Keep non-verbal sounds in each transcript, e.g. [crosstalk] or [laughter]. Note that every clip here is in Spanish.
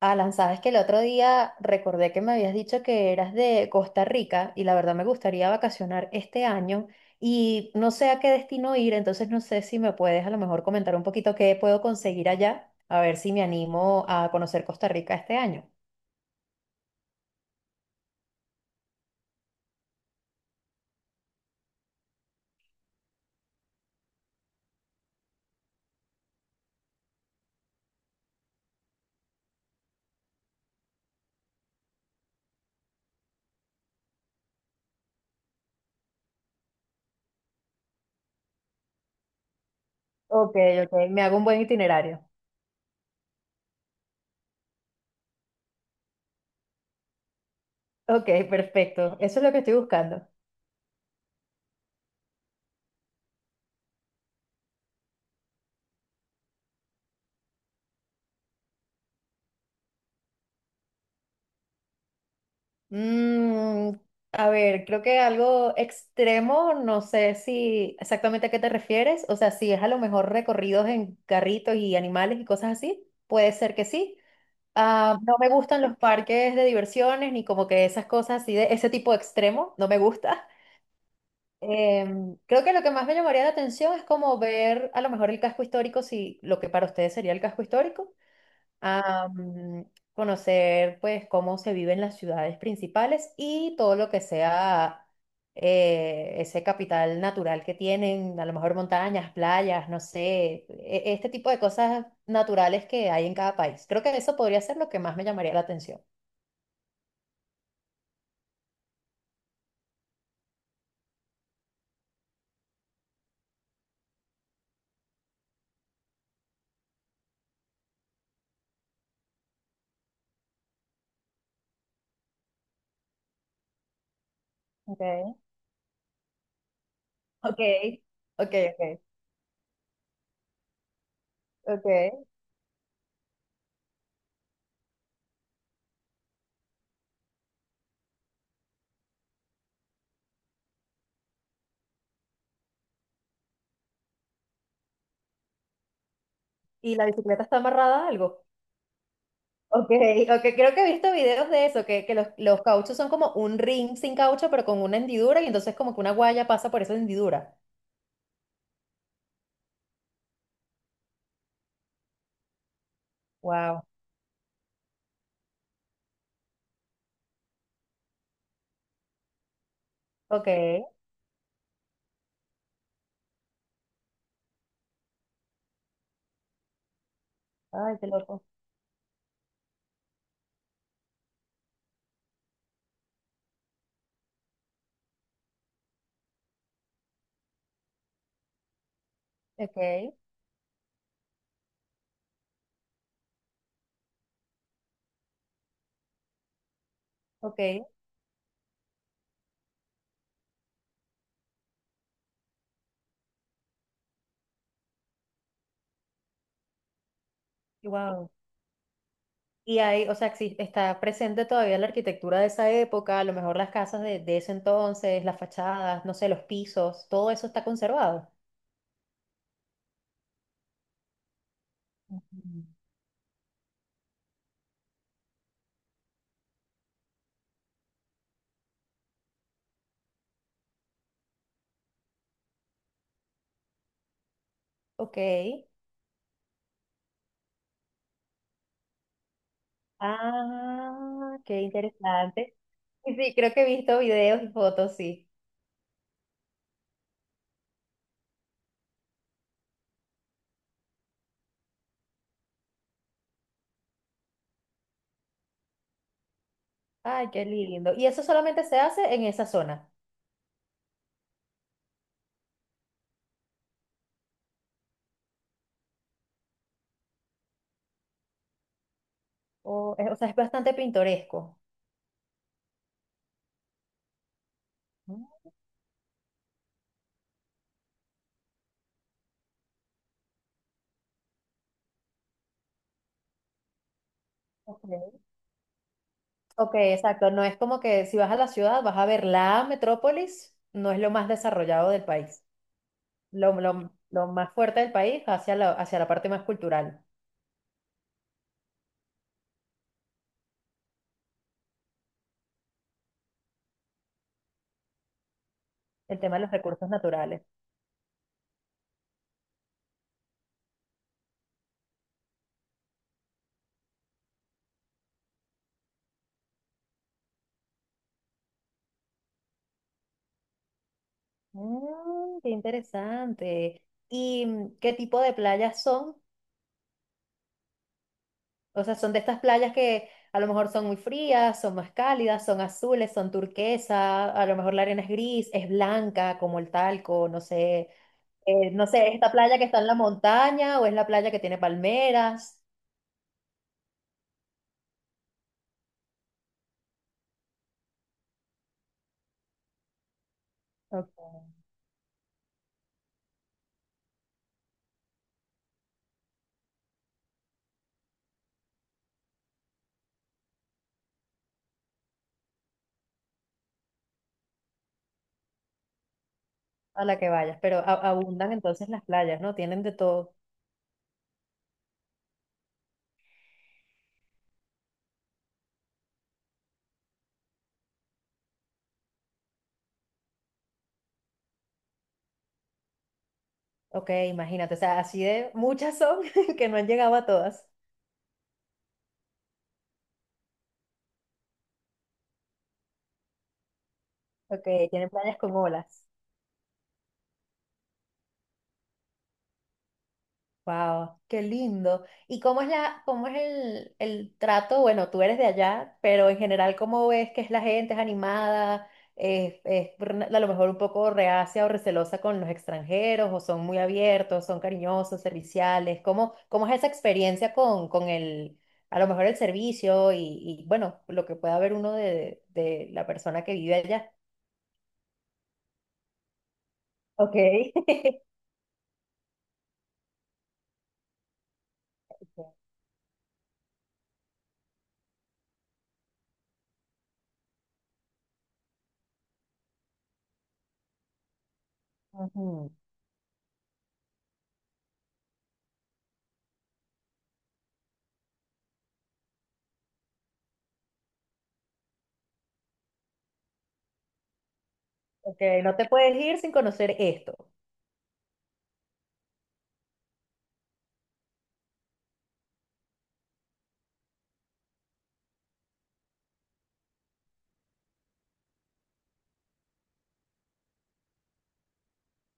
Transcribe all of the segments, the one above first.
Alan, sabes que el otro día recordé que me habías dicho que eras de Costa Rica y la verdad me gustaría vacacionar este año y no sé a qué destino ir, entonces no sé si me puedes a lo mejor comentar un poquito qué puedo conseguir allá, a ver si me animo a conocer Costa Rica este año. Ok, ok, me hago un buen itinerario. Ok, perfecto, eso es lo que estoy buscando. Mm, a ver, creo que algo extremo, no sé si exactamente a qué te refieres, o sea, si es a lo mejor recorridos en carritos y animales y cosas así, puede ser que sí. Ah, no me gustan los parques de diversiones ni como que esas cosas así de ese tipo extremo, no me gusta. [laughs] Creo que lo que más me llamaría la atención es como ver a lo mejor el casco histórico, si lo que para ustedes sería el casco histórico a conocer pues cómo se vive en las ciudades principales y todo lo que sea ese capital natural que tienen, a lo mejor montañas, playas, no sé, este tipo de cosas naturales que hay en cada país. Creo que eso podría ser lo que más me llamaría la atención. Okay. Ok, ok, ok, ok. ¿Y la bicicleta está amarrada a algo? Ok, ok, creo que he visto videos de eso, que los cauchos son como un ring sin caucho, pero con una hendidura, y entonces como que una guaya pasa por esa hendidura. Wow, ok, ay, qué loco. Ok, ok, wow. Y ahí, o sea, está presente todavía la arquitectura de esa época, a lo mejor las casas de ese entonces, las fachadas, no sé, los pisos, todo eso está conservado. Ujú. Ok. Ah, qué interesante. Y sí, creo que he visto videos y fotos, sí. Ay, qué lindo. Y eso solamente se hace en esa zona. O, o sea, es bastante pintoresco. Mm, ok. Ok, exacto. No es como que si vas a la ciudad vas a ver la metrópolis, no es lo más desarrollado del país. Lo más fuerte del país va hacia hacia la parte más cultural, el tema de los recursos naturales. Mm, qué interesante. ¿Y qué tipo de playas son? O sea, son de estas playas que a lo mejor son muy frías, son más cálidas, son azules, son turquesa, a lo mejor la arena es gris, es blanca como el talco, no sé, no sé, esta playa que está en la montaña o es la playa que tiene palmeras. Ok. A la que vayas, pero abundan entonces las playas, ¿no? Tienen de todo. Ok, imagínate, o sea, así de muchas son [laughs] que no han llegado a todas. Ok, tienen playas con olas. Wow, qué lindo. ¿Y cómo es la, cómo es el trato? Bueno, tú eres de allá, pero en general, ¿cómo ves que es la gente? ¿Es animada? ¿Es, a lo mejor un poco reacia o recelosa con los extranjeros? ¿O son muy abiertos? ¿Son cariñosos, serviciales? ¿Cómo, cómo es esa experiencia con el, a lo mejor el servicio y, bueno, lo que pueda ver uno de la persona que vive allá? Ok. [laughs] Ujú. Ok, no te puedes ir sin conocer esto.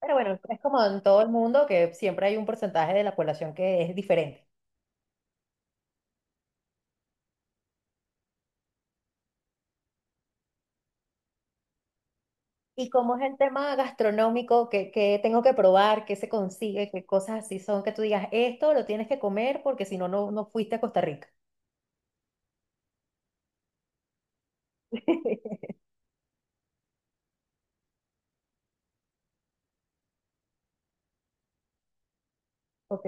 Pero bueno, es como en todo el mundo que siempre hay un porcentaje de la población que es diferente. ¿Y cómo es el tema gastronómico? ¿Qué, qué tengo que probar? ¿Qué se consigue? ¿Qué cosas así son que tú digas, esto lo tienes que comer porque si no, no fuiste a Costa Rica? [laughs] Ok,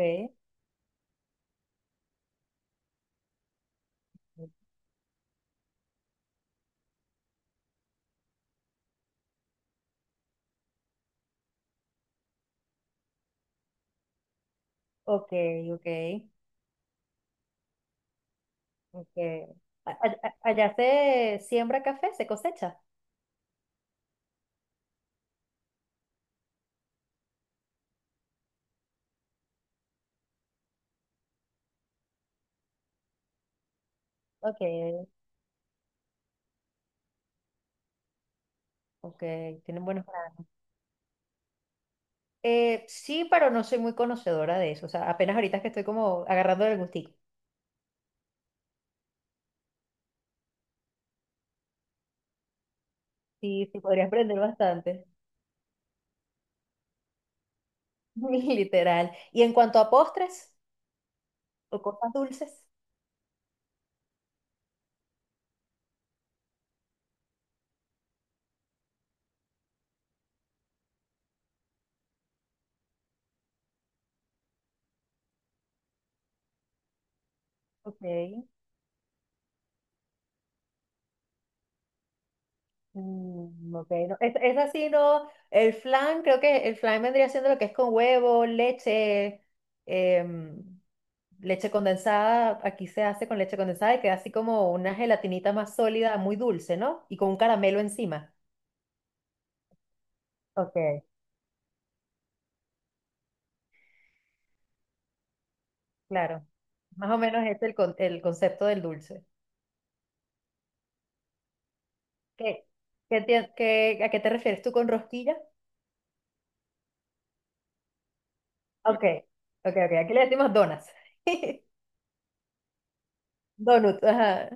ok, ok, ok. Allá se siembra café, se cosecha. Ok, ok, tienen buenos planes. Sí, pero no soy muy conocedora de eso. O sea, apenas ahorita es que estoy como agarrando el gustico. Sí, sí, podría aprender bastante. [laughs] Literal. Y en cuanto a postres o cosas dulces, ok, ok, no, es así, ¿no? El flan, creo que el flan vendría siendo lo que es con huevo, leche, em, leche condensada, aquí se hace con leche condensada y queda así como una gelatinita más sólida, muy dulce, ¿no? Y con un caramelo encima. Ok, claro. Más o menos es el, el concepto del dulce. ¿Qué, qué, a qué te refieres tú con rosquilla? Ok, ok, ok. Aquí le decimos donas. [laughs] Donut, ajá.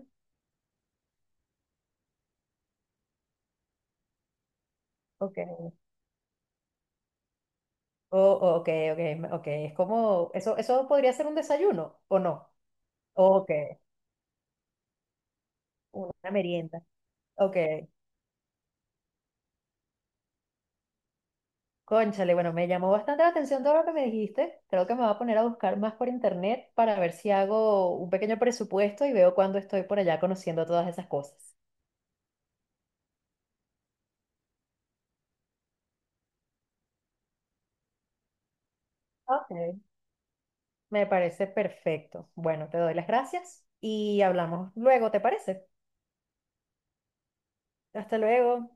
Ok. Oh, oh, ok, ok, ok. Es como, eso podría ser un desayuno, ¿o no? Ok, una merienda. Ok. Cónchale, bueno, me llamó bastante la atención todo lo que me dijiste. Creo que me voy a poner a buscar más por internet para ver si hago un pequeño presupuesto y veo cuándo estoy por allá conociendo todas esas cosas. Ok. Me parece perfecto. Bueno, te doy las gracias y hablamos luego, ¿te parece? Hasta luego.